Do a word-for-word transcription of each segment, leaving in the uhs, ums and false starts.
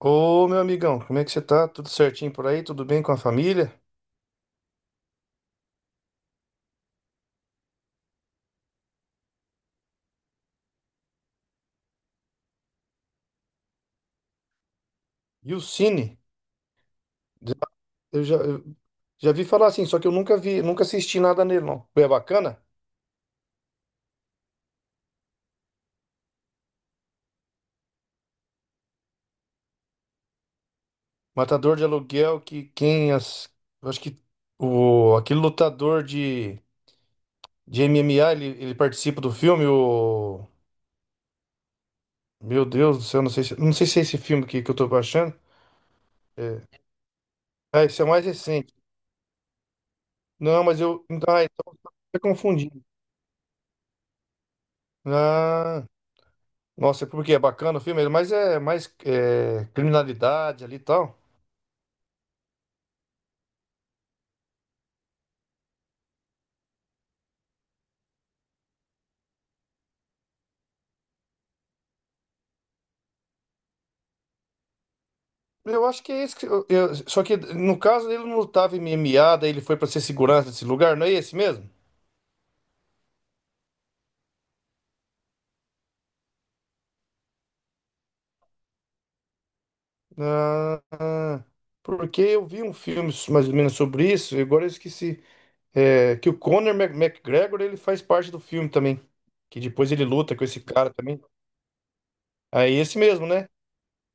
Ô, meu amigão, como é que você tá? Tudo certinho por aí? Tudo bem com a família? E o Cine? Eu já, eu já vi falar assim, só que eu nunca vi, nunca assisti nada nele, não. É bacana? Matador de aluguel, que quem as... Eu acho que o, aquele lutador de, de M M A, ele, ele participa do filme, o... Meu Deus do céu, não sei se, não sei se é esse filme que, que eu tô baixando. É, ah, esse é mais recente. Não, mas eu... Ah, então, eu tô confundindo. Ah... Nossa, porque é bacana o filme, mas é mais é, criminalidade ali e tal. Eu acho que é isso que eu, eu- só que no caso ele não lutava em M M A, daí ele foi pra ser segurança desse lugar, não é esse mesmo? Ah, ah, porque eu vi um filme mais ou menos sobre isso, e agora eu esqueci. É, que o Conor Mac- McGregor ele faz parte do filme também, que depois ele luta com esse cara também. Aí esse mesmo, né?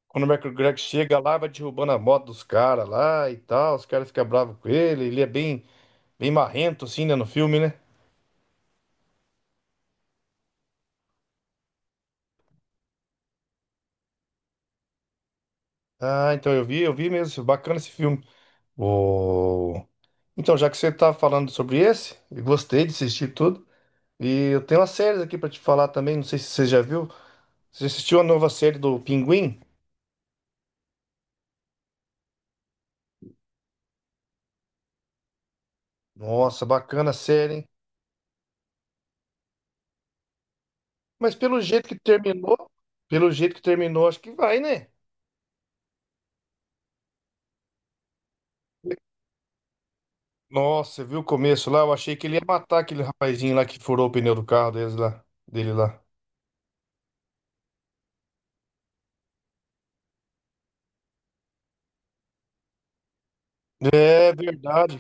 Conor McGregor chega lá, vai derrubando a moto dos caras lá e tal, os caras ficam bravos com ele, ele é bem bem marrento, assim, né, no filme, né? Ah, então eu vi, eu vi mesmo. Bacana esse filme. O... Então, já que você tá falando sobre esse, eu gostei de assistir tudo. E eu tenho uma séries aqui pra te falar também, não sei se você já viu. Você assistiu a nova série do Pinguim? Nossa, bacana a série, hein? Mas pelo jeito que terminou, pelo jeito que terminou, acho que vai, né? Nossa, você viu o começo lá? Eu achei que ele ia matar aquele rapazinho lá que furou o pneu do carro deles lá, dele lá. É verdade.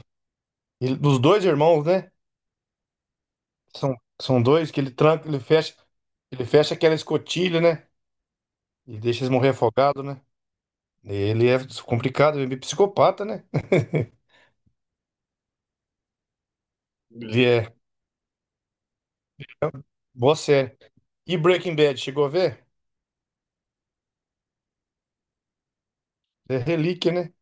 Ele- dos dois irmãos, né? São, são dois que ele tranca, ele fecha, ele fecha aquela escotilha, né? E deixa eles morrer afogados, né? Ele é complicado, ele é meio psicopata, né? Ele é boa série. E Breaking Bad, chegou a ver? É relíquia, né?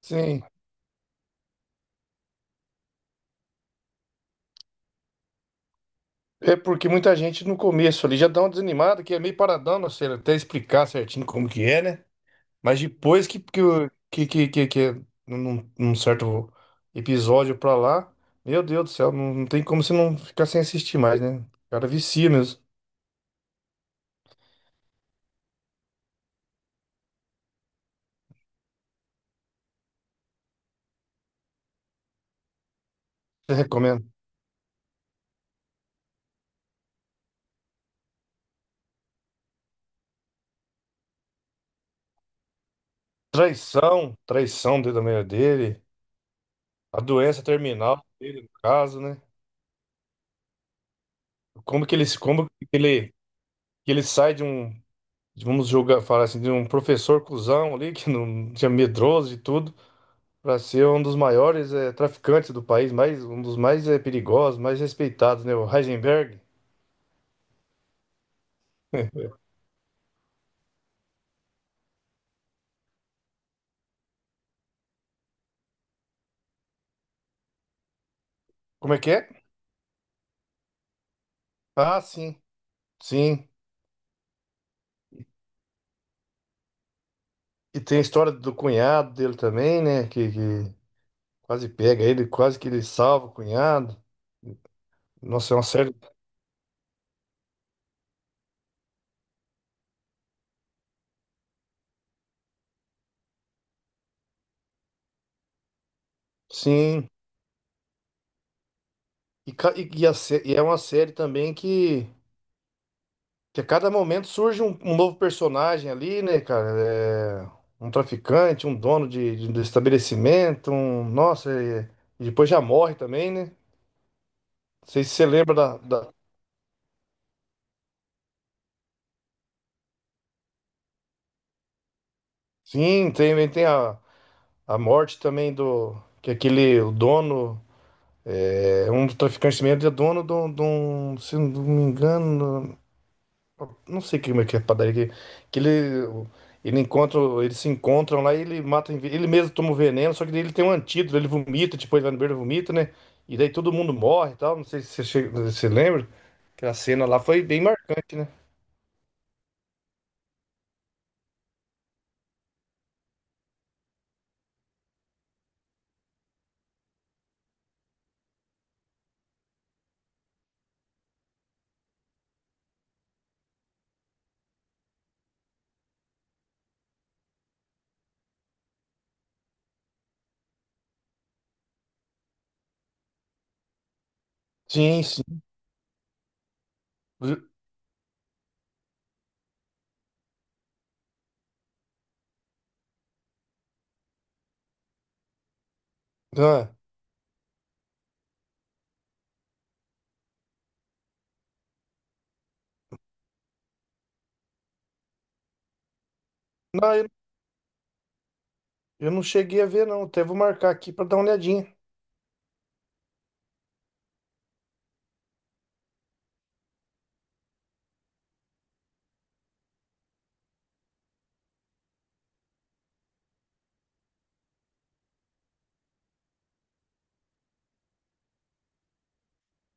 Sim. É porque muita gente no começo ali já dá uma desanimada, que é meio paradão, não sei, até explicar certinho como que é, né? Mas depois que, que, o- que, que, que, que é num, num certo episódio pra lá, meu Deus do céu, não, não tem como você não ficar sem assistir mais, né? O cara vicia mesmo. Você recomenda? Traição, traição dentro da meio dele, a doença terminal dele, no caso, né? Como que ele, se- como que ele, que ele sai de um, de- vamos julgar, falar assim, de um professor cuzão ali, que não tinha medroso e tudo, para ser um dos maiores eh, traficantes do país, mais, um dos mais eh, perigosos, mais respeitados, né? O Heisenberg. Como é que é? Ah, sim, sim. E tem a história do cunhado dele também, né? Que, que quase pega ele, quase que ele salva o cunhado. Nossa, é uma série. Sim. E, ca- e- e a sé- e é uma série também que, que a cada momento surge um, um novo personagem ali, né, cara? É, um traficante, um dono de, de- do estabelecimento, um. Nossa, e, e depois já morre também, né? Não sei se você lembra da. Da- Sim, tem, tem a, a morte também do. Que aquele o dono. É, um dos traficantes mesmo é dono de um. De um- Se não me engano. Não sei como é que é a padaria que, que ele, ele encontra, eles se encontram lá e ele mata, ele mesmo toma o veneno, só que daí ele tem um antídoto, ele vomita, tipo, ele vai no beiro e vomita, né? E daí todo mundo morre e tal, não sei se você, che- você lembra, que a cena lá foi bem marcante, né? Sim, sim. Ah, não, eu, eu não cheguei a ver, não, até vou marcar aqui pra dar uma olhadinha.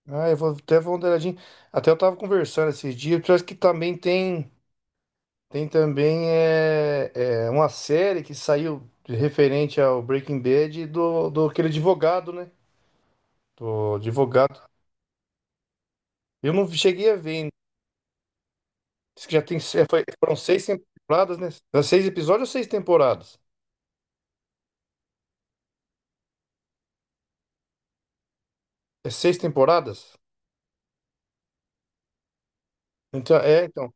Ah, eu vou até vou dar uma olhadinha. Até eu tava conversando esses dias, parece que também tem. Tem também é, é, uma série que saiu referente ao Breaking Bad do, do aquele advogado, né? Do advogado. Eu não cheguei a ver ainda. Diz que já tem, se- foi- foram seis temporadas, né? Era seis episódios ou seis temporadas? É seis temporadas? Então, é, então.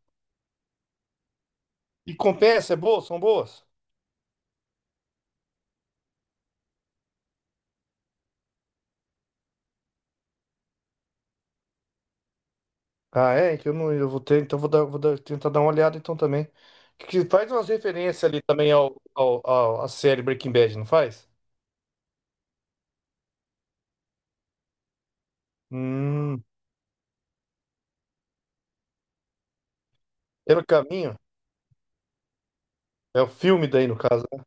E compensa, é boa? São boas? Ah, é? Que eu não, eu vou ter, então vou dar, vou dar- tentar dar uma olhada então também. Que, que faz umas referências ali também ao, ao, ao- à série Breaking Bad, não faz? Hum, pelo caminho. É o filme daí, no caso. Né?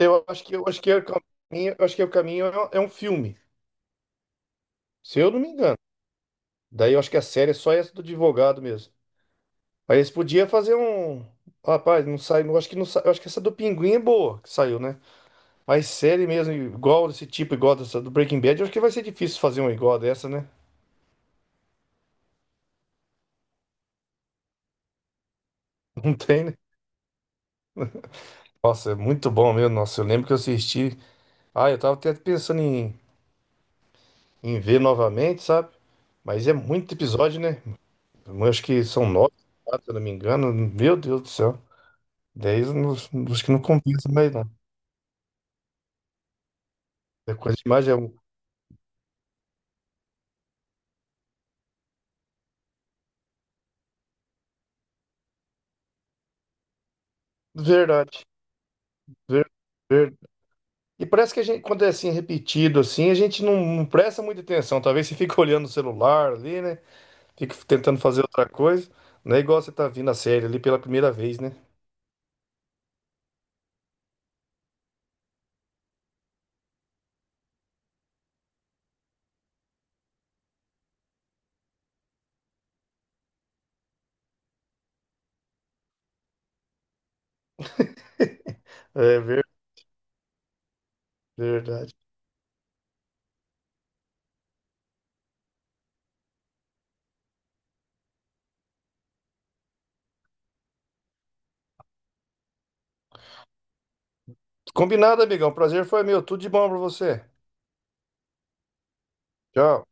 Eu acho que eu acho que é o caminho, eu acho que é o caminho é, um, é um filme, se eu não me engano. Daí eu acho que a série é só essa do advogado mesmo. Aí eles podiam fazer um. Rapaz, não sai. Não acho que não sai. Eu acho que essa do Pinguim é boa que saiu, né? Mas série mesmo, igual desse tipo, igual dessa do Breaking Bad, eu acho que vai ser difícil fazer uma igual dessa, né? Não tem, né? Nossa, é muito bom mesmo. Nossa, eu lembro que eu assisti. Ah, eu tava até pensando em, em ver novamente, sabe? Mas é muito episódio, né? Eu acho que são nove, se eu não me engano. Meu Deus do céu. Dez, eu não- acho que não compensa mais, não. É coisa demais, é um... Verdade. Ver, ver- E parece que a gente, quando é assim, repetido, assim, a gente não, não presta muita atenção. Talvez você fique olhando o celular ali, né? Fica tentando fazer outra coisa. Não é igual você tá vindo a série ali pela primeira vez, né? Verdade. Combinado, amigão. Prazer foi meu. Tudo de bom pra você. Tchau.